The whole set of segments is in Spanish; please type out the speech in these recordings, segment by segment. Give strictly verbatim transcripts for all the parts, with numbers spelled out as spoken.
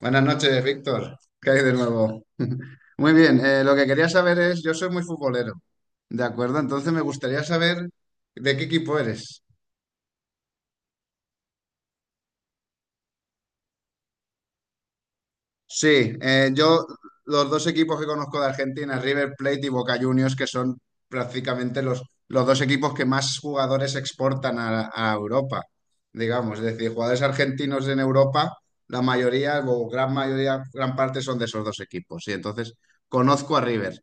Buenas noches, Víctor. ¿Qué hay de nuevo? Muy bien, eh, lo que quería saber es, yo soy muy futbolero, ¿de acuerdo? Entonces me gustaría saber de qué equipo eres. Sí, eh, yo los dos equipos que conozco de Argentina, River Plate y Boca Juniors, que son prácticamente los, los dos equipos que más jugadores exportan a, a Europa, digamos. Es decir, jugadores argentinos en Europa, la mayoría o gran mayoría, gran parte son de esos dos equipos. Y entonces conozco a River.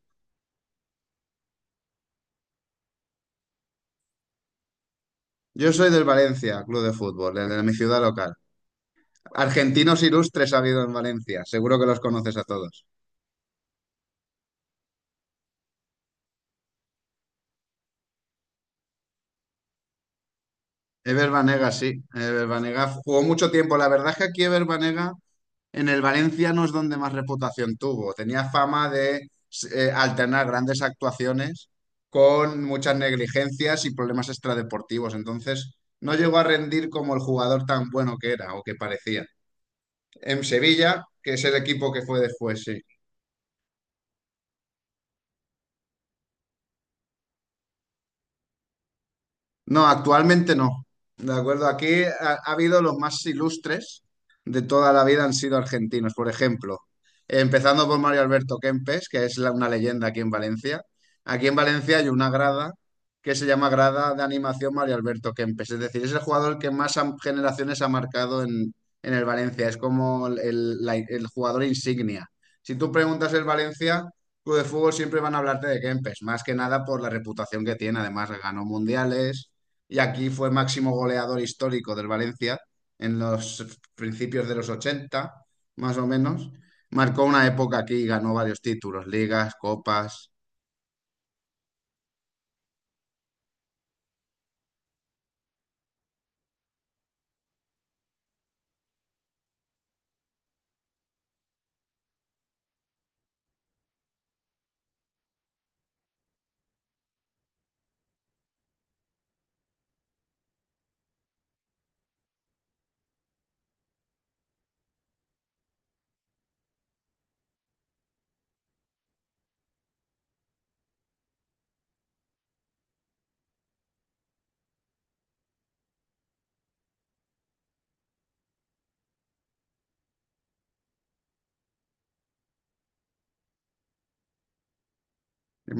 Yo soy del Valencia, club de fútbol, el de mi ciudad local. Argentinos ilustres ha habido en Valencia, seguro que los conoces a todos. Ever Banega, sí. Ever Banega jugó mucho tiempo. La verdad es que aquí Ever Banega en el Valencia no es donde más reputación tuvo. Tenía fama de eh, alternar grandes actuaciones con muchas negligencias y problemas extradeportivos. Entonces, no llegó a rendir como el jugador tan bueno que era o que parecía. En Sevilla, que es el equipo que fue después, sí. No, actualmente no. De acuerdo, aquí ha, ha habido los más ilustres de toda la vida han sido argentinos, por ejemplo. Empezando por Mario Alberto Kempes, que es la- una leyenda aquí en Valencia. Aquí en Valencia hay una grada que se llama Grada de Animación Mario Alberto Kempes. Es decir, es el jugador que más am- generaciones ha marcado en, en el Valencia. Es como el, el- la- el jugador insignia. Si tú preguntas el Valencia, club de fútbol siempre van a hablarte de Kempes, más que nada por la reputación que tiene. Además, ganó mundiales y aquí fue máximo goleador histórico del Valencia en los principios de los ochenta, más o menos. Marcó una época aquí y ganó varios títulos, ligas, copas.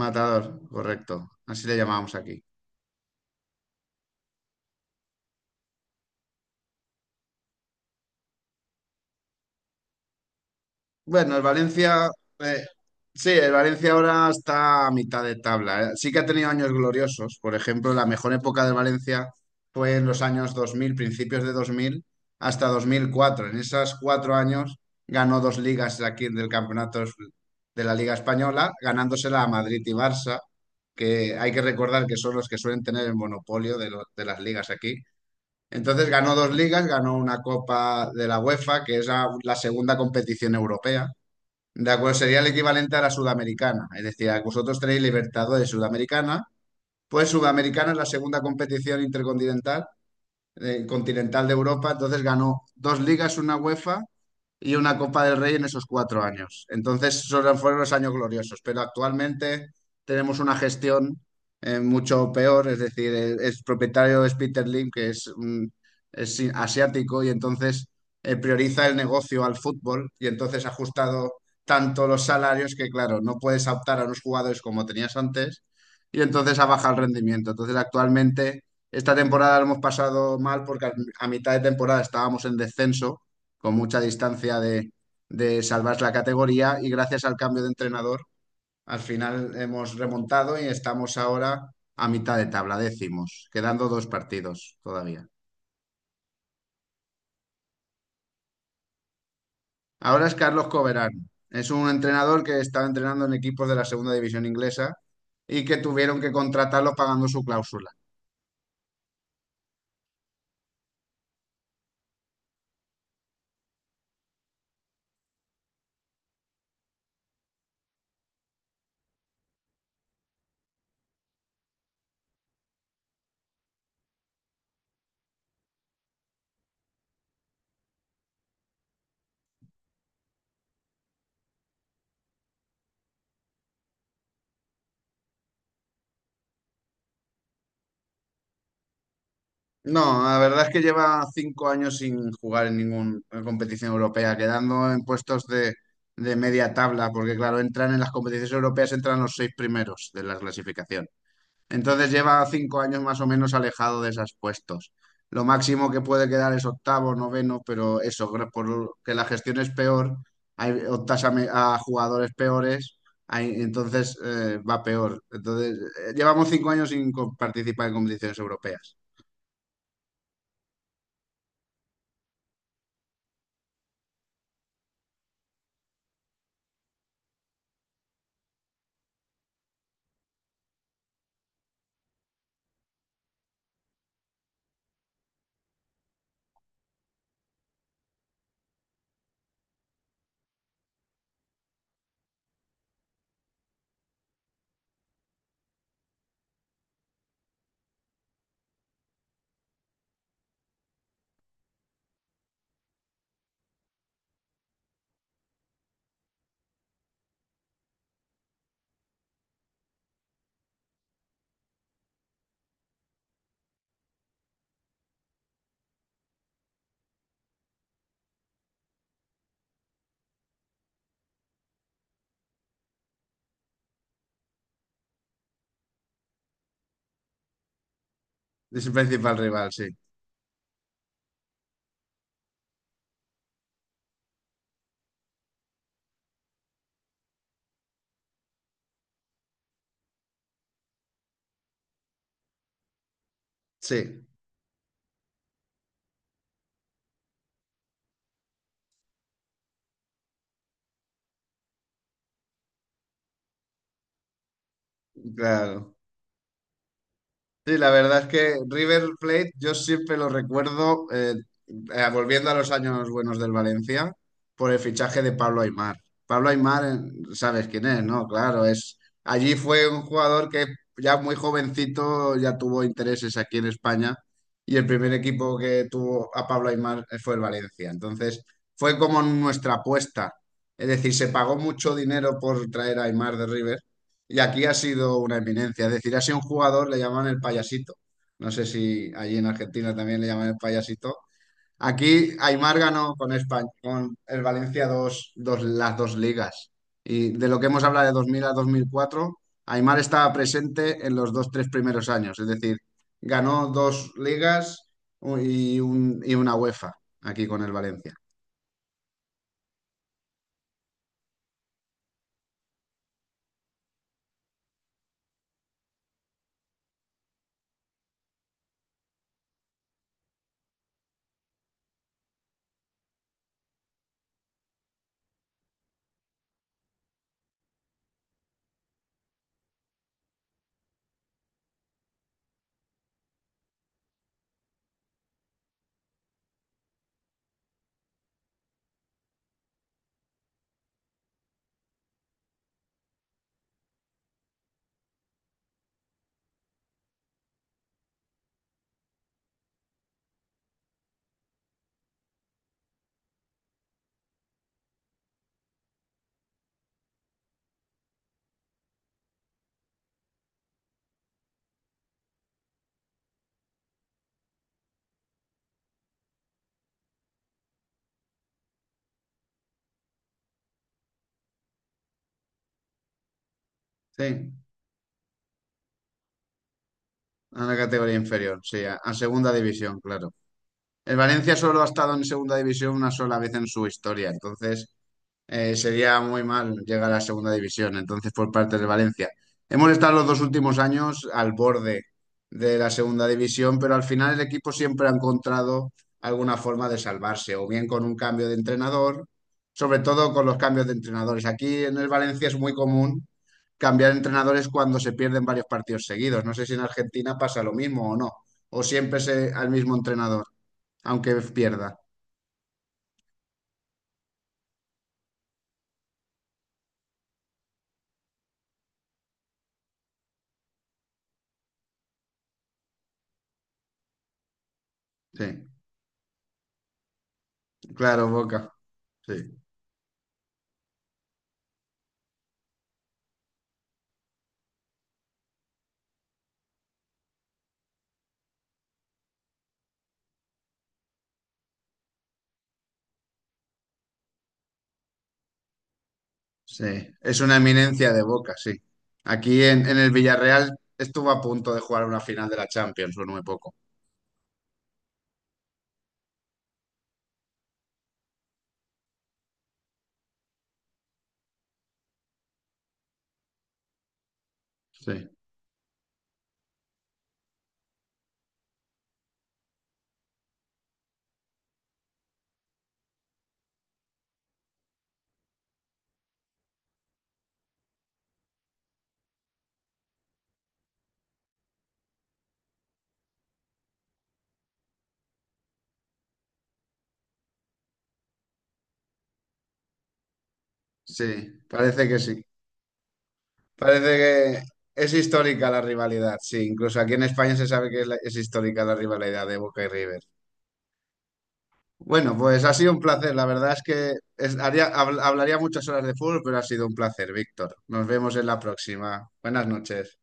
Matador, correcto. Así le llamábamos aquí. Bueno, el Valencia, eh, sí, el Valencia ahora está a mitad de tabla. eh. Sí que ha tenido años gloriosos. Por ejemplo, la mejor época del Valencia fue en los años dos mil, principios de dos mil, hasta dos mil cuatro. En esos cuatro años ganó dos ligas aquí del campeonato de la Liga Española, ganándosela a Madrid y Barça, que hay que recordar que son los que suelen tener el monopolio de, lo- de las ligas aquí. Entonces ganó dos ligas, ganó una Copa de la UEFA, que es la la segunda competición europea de acuerdo, sería el equivalente a la sudamericana. Es decir, vosotros tenéis Libertadores Sudamericana, pues Sudamericana es la segunda competición intercontinental eh, continental de Europa. Entonces ganó dos ligas, una UEFA y una Copa del Rey en esos cuatro años. Entonces, esos fueron los años gloriosos, pero actualmente tenemos una gestión eh, mucho peor, es decir, el, el propietario es Peter Lim, que es, mm, es i- asiático, y entonces eh, prioriza el negocio al fútbol, y entonces ha ajustado tanto los salarios que, claro, no puedes optar a unos jugadores como tenías antes, y entonces ha bajado el rendimiento. Entonces, actualmente... Esta temporada lo hemos pasado mal porque a a mitad de temporada estábamos en descenso con mucha distancia de, de salvar la categoría y gracias al cambio de entrenador, al final hemos remontado y estamos ahora a mitad de tabla, décimos, quedando dos partidos todavía. Ahora es Carlos Coverán. Es un entrenador que estaba entrenando en equipos de la segunda división inglesa y que tuvieron que contratarlo pagando su cláusula. No, la verdad es que lleva cinco años sin jugar en ninguna competición europea, quedando en puestos de, de media tabla, porque claro, entran en las competiciones europeas, entran los seis primeros de la clasificación. Entonces lleva cinco años más o menos alejado de esos puestos. Lo máximo que puede quedar es octavo, noveno, pero eso, gra- por que la gestión es peor, hay, optas a, me- a jugadores peores, hay- entonces eh, va peor. Entonces, eh, llevamos cinco años sin co- participar en competiciones europeas. Es el principal rival, sí. Sí, claro. Sí, la verdad es que River Plate yo siempre lo recuerdo, eh, eh, volviendo a los años buenos del Valencia, por el fichaje de Pablo Aimar. Pablo Aimar, eh, sabes quién es, ¿no? Claro, es allí fue un jugador que ya muy jovencito ya tuvo intereses aquí en España y el primer equipo que tuvo a Pablo Aimar fue el Valencia. Entonces, fue como nuestra apuesta. Es decir, se pagó mucho dinero por traer a Aimar de River. Y aquí ha sido una eminencia, es decir, ha sido un jugador, le llaman el payasito. No sé si allí en Argentina también le llaman el payasito. Aquí Aimar ganó con España, con el Valencia dos, dos, las dos ligas. Y de lo que hemos hablado de dos mil a dos mil cuatro, Aimar estaba presente en los dos, tres primeros años. Es decir, ganó dos ligas y, un- y una UEFA aquí con el Valencia. Sí, a la categoría inferior, sí, a a segunda división, claro. El Valencia solo ha estado en segunda división una sola vez en su historia, entonces eh, sería muy mal llegar a segunda división. Entonces, por parte del Valencia, hemos estado los dos últimos años al borde de la segunda división, pero al final el equipo siempre ha encontrado alguna forma de salvarse, o bien con un cambio de entrenador, sobre todo con los cambios de entrenadores. Aquí en el Valencia es muy común cambiar entrenadores cuando se pierden varios partidos seguidos. No sé si en Argentina pasa lo mismo o no, o siempre es eh, al mismo entrenador. Aunque pierda, sí. Claro, Boca, sí, sí. Es una eminencia de Boca, sí. Aquí en, en el Villarreal estuvo a punto de jugar una final de la Champions, no muy poco. Sí, sí, parece que sí. Parece que es histórica la rivalidad, sí. Incluso aquí en España se sabe que es, la- es histórica la rivalidad de Boca y River. Bueno, pues ha sido un placer. La verdad es que es- haría- habl- hablaría muchas horas de fútbol, pero ha sido un placer, Víctor. Nos vemos en la próxima. Buenas noches.